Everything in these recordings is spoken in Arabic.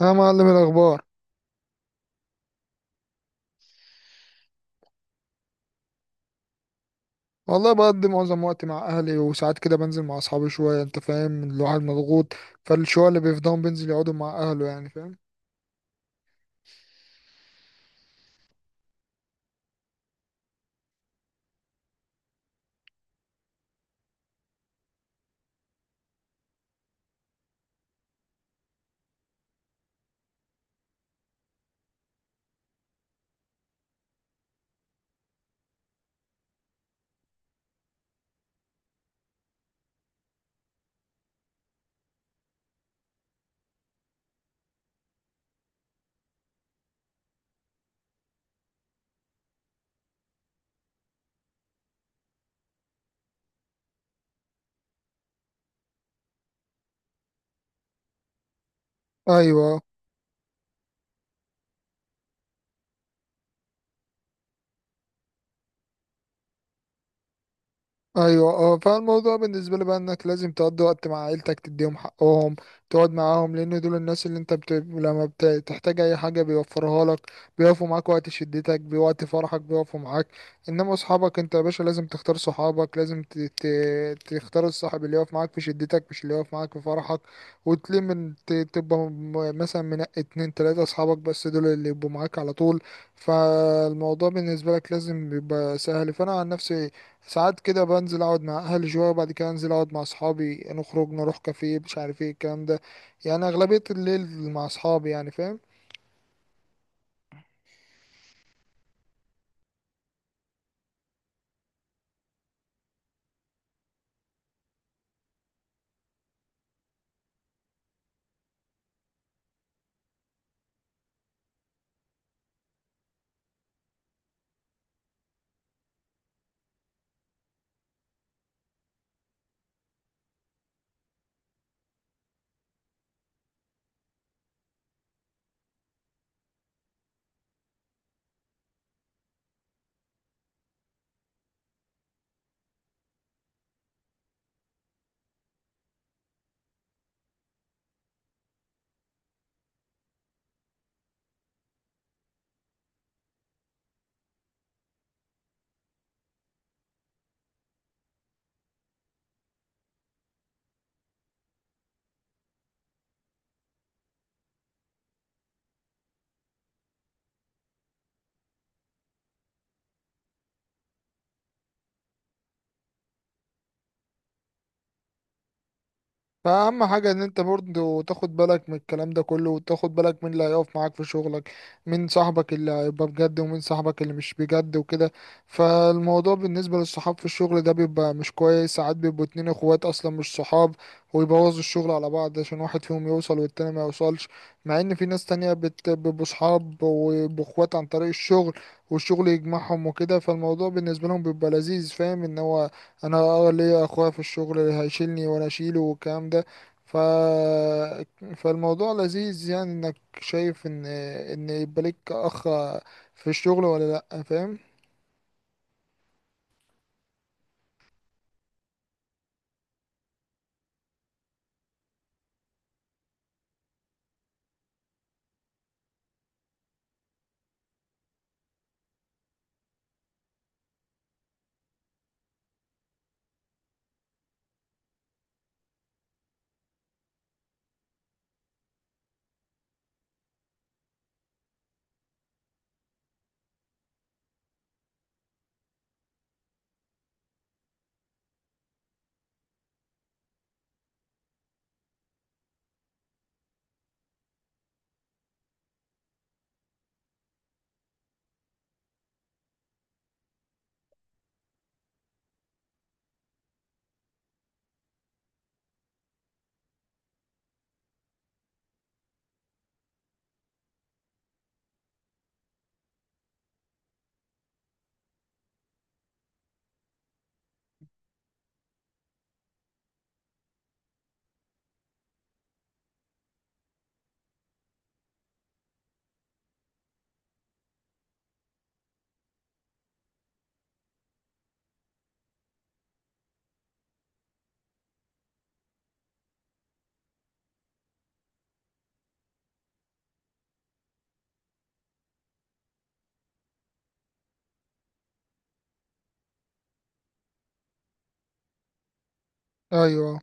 ها معلم، الأخبار؟ والله بقضي معظم وقتي مع أهلي، وساعات كده بنزل مع أصحابي شوية. أنت فاهم، الواحد مضغوط. فالشوية اللي بيفضاهم بينزل يقعدوا مع أهله، يعني فاهم. أيوة. ايوه، فالموضوع بالنسبه لي بقى انك لازم تقضي وقت مع عيلتك، تديهم حقهم، تقعد معاهم، لان دول الناس اللي انت لما بتحتاج اي حاجه بيوفرها لك، بيقفوا معاك وقت شدتك، بوقت فرحك بيقفوا معاك. انما اصحابك انت يا باشا، لازم تختار صحابك، لازم تختار الصاحب اللي يقف معاك في شدتك مش اللي يقف معاك في فرحك. وتلم تبقى مثلا منقي اتنين تلاته اصحابك بس، دول اللي يبقوا معاك على طول. فالموضوع بالنسبه لك لازم يبقى سهل. فانا عن نفسي ساعات كده بنزل اقعد مع اهلي شويه، وبعد كده انزل اقعد مع اصحابي، نخرج نروح كافيه، مش عارف ايه الكلام ده. يعني اغلبيه الليل مع اصحابي، يعني فاهم. فأهم حاجة إن أنت برضه تاخد بالك من الكلام ده كله، وتاخد بالك من اللي هيقف معاك في شغلك، من صاحبك اللي هيبقى بجد ومن صاحبك اللي مش بجد وكده. فالموضوع بالنسبة للصحاب في الشغل ده بيبقى مش كويس. ساعات بيبقوا اتنين اخوات أصلا مش صحاب، ويبوظوا الشغل على بعض عشان واحد فيهم يوصل والتاني ما يوصلش. مع إن في ناس تانية بيبقوا صحاب ويبقوا اخوات عن طريق الشغل، والشغل يجمعهم وكده. فالموضوع بالنسبة لهم بيبقى لذيذ، فاهم إن هو انا ليا اخويا في الشغل اللي هيشيلني وانا اشيله والكلام ده. ف فالموضوع لذيذ، يعني انك شايف ان يبقى لك اخ في الشغل، ولا لا فاهم. ايوه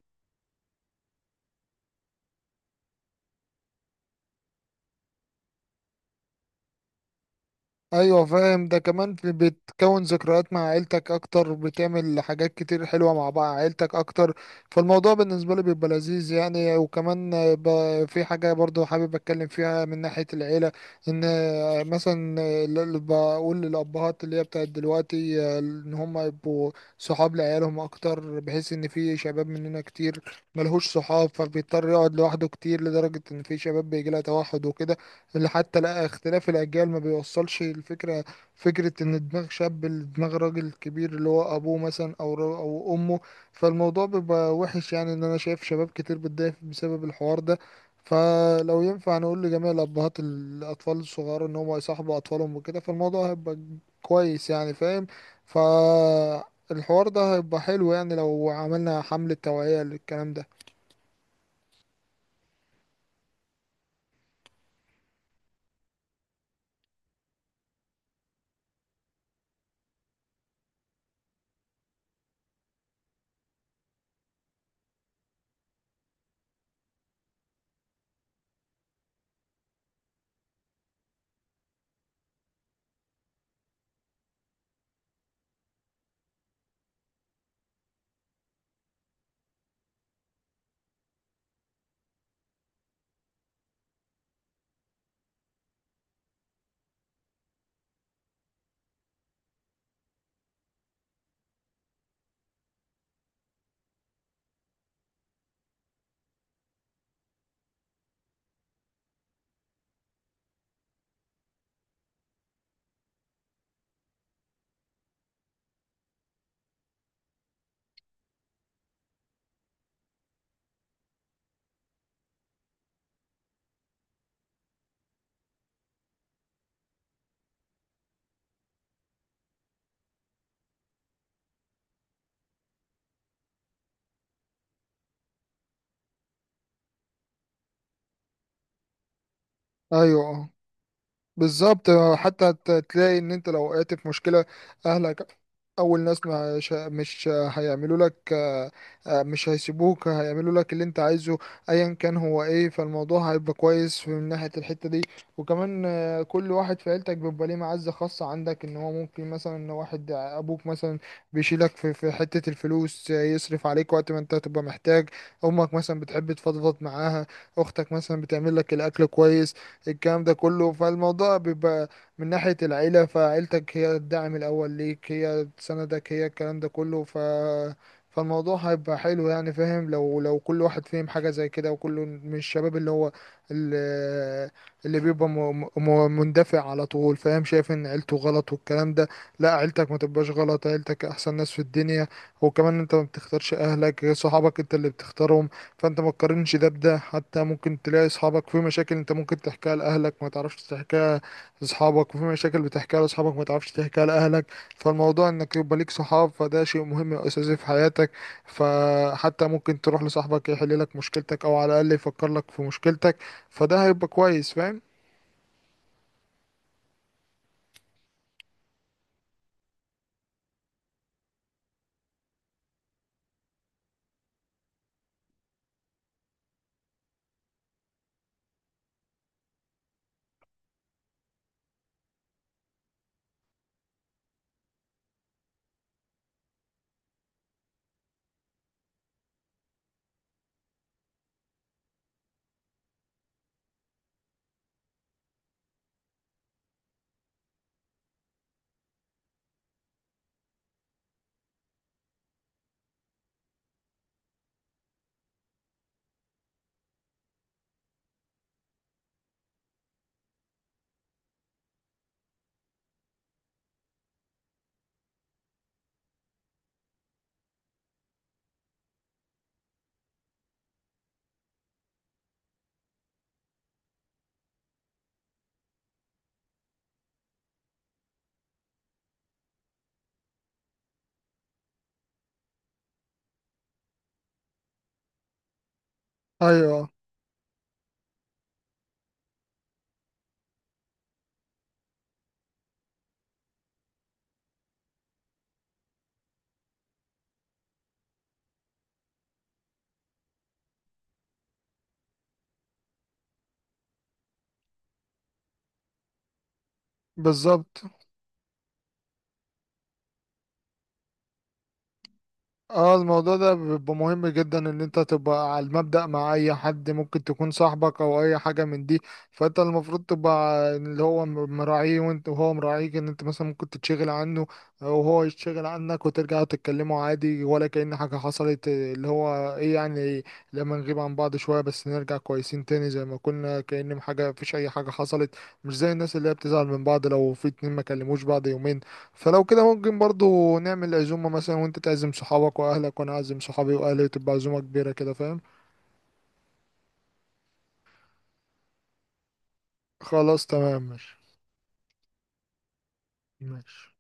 ايوه فاهم. ده كمان في بتكون ذكريات مع عيلتك اكتر، بتعمل حاجات كتير حلوه مع بعض عيلتك اكتر. فالموضوع بالنسبه لي بيبقى لذيذ يعني. وكمان في حاجه برضو حابب اتكلم فيها من ناحيه العيله، ان مثلا اللي بقول للابهات اللي هي بتاعت دلوقتي ان هم يبقوا صحاب لعيالهم اكتر، بحيث ان في شباب مننا كتير ملهوش صحاب، فبيضطر يقعد لوحده كتير، لدرجه ان في شباب بيجي لها توحد وكده، اللي حتى لا اختلاف الأجيال ما بيوصلش الفكرة، فكرة إن دماغ شاب لدماغ راجل كبير اللي هو أبوه مثلا أو أمه. فالموضوع بيبقى وحش، يعني إن أنا شايف شباب كتير بتضايق بسبب الحوار ده. فلو ينفع نقول لجميع الأبهات الأطفال الصغار إن هم يصاحبوا أطفالهم وكده، فالموضوع هيبقى كويس يعني، فاهم. فالحوار ده هيبقى حلو يعني لو عملنا حملة توعية للكلام ده. أيوه، بالظبط. حتى تلاقي ان انت لو وقعت في مشكلة، اهلك اول ناس مش هيعملوا لك آه، مش هيسيبوك، هيعملوا لك اللي انت عايزه ايا كان هو ايه. فالموضوع هيبقى كويس من ناحية الحتة دي. وكمان آه، كل واحد في عيلتك بيبقى ليه معزة خاصة عندك، ان هو ممكن مثلا إن واحد ابوك مثلا بيشيلك في حتة الفلوس، آه، يصرف عليك وقت ما انت تبقى محتاج. امك مثلا بتحب تفضفض معاها، اختك مثلا بتعمل لك الاكل كويس، الكلام ده كله. فالموضوع بيبقى من ناحية العيلة، فعيلتك هي الدعم الأول ليك، هي تساندك، هي الكلام ده كله. فالموضوع هيبقى حلو يعني فاهم، لو كل واحد فاهم حاجة زي كده، وكله من الشباب اللي هو اللي, اللي بيبقى مندفع على طول، فاهم، شايف ان عيلته غلط والكلام ده. لا، عيلتك ما تبقاش غلط، عيلتك احسن ناس في الدنيا. وكمان انت ما بتختارش اهلك، صحابك انت اللي بتختارهم، فانت ما تقارنش ده بده. حتى ممكن تلاقي اصحابك في مشاكل انت ممكن تحكيها لاهلك ما تعرفش تحكيها لاصحابك، وفي مشاكل بتحكيها لاصحابك ما تعرفش تحكيها لاهلك. فالموضوع انك يبقى ليك صحاب، فده شيء مهم واساسي في حياتك. فحتى ممكن تروح لصاحبك يحل لك مشكلتك، او على الاقل يفكر لك في مشكلتك. فده هيبقى كويس، فاهم. ايوه، بالظبط. اه الموضوع ده بيبقى مهم جدا، ان انت تبقى على المبدأ مع اي حد ممكن تكون صاحبك او اي حاجة من دي. فانت المفروض تبقى اللي هو مراعيه، وانت وهو مراعيك، ان انت مثلا ممكن تتشغل عنه وهو يتشغل عنك، وترجعوا تتكلموا عادي ولا كأن حاجة حصلت، اللي هو ايه يعني، لما نغيب عن بعض شوية بس نرجع كويسين تاني زي ما كنا، كأن حاجة، مفيش اي حاجة حصلت. مش زي الناس اللي هي بتزعل من بعض لو في اتنين ما كلموش بعض يومين. فلو كده ممكن برضو نعمل عزومة مثلا، وانت تعزم صحابك واهلك وانا اعزم صحابي واهلي، تبقى عزومة كبيرة كده، فاهم. خلاص تمام، ماشي. ماشي.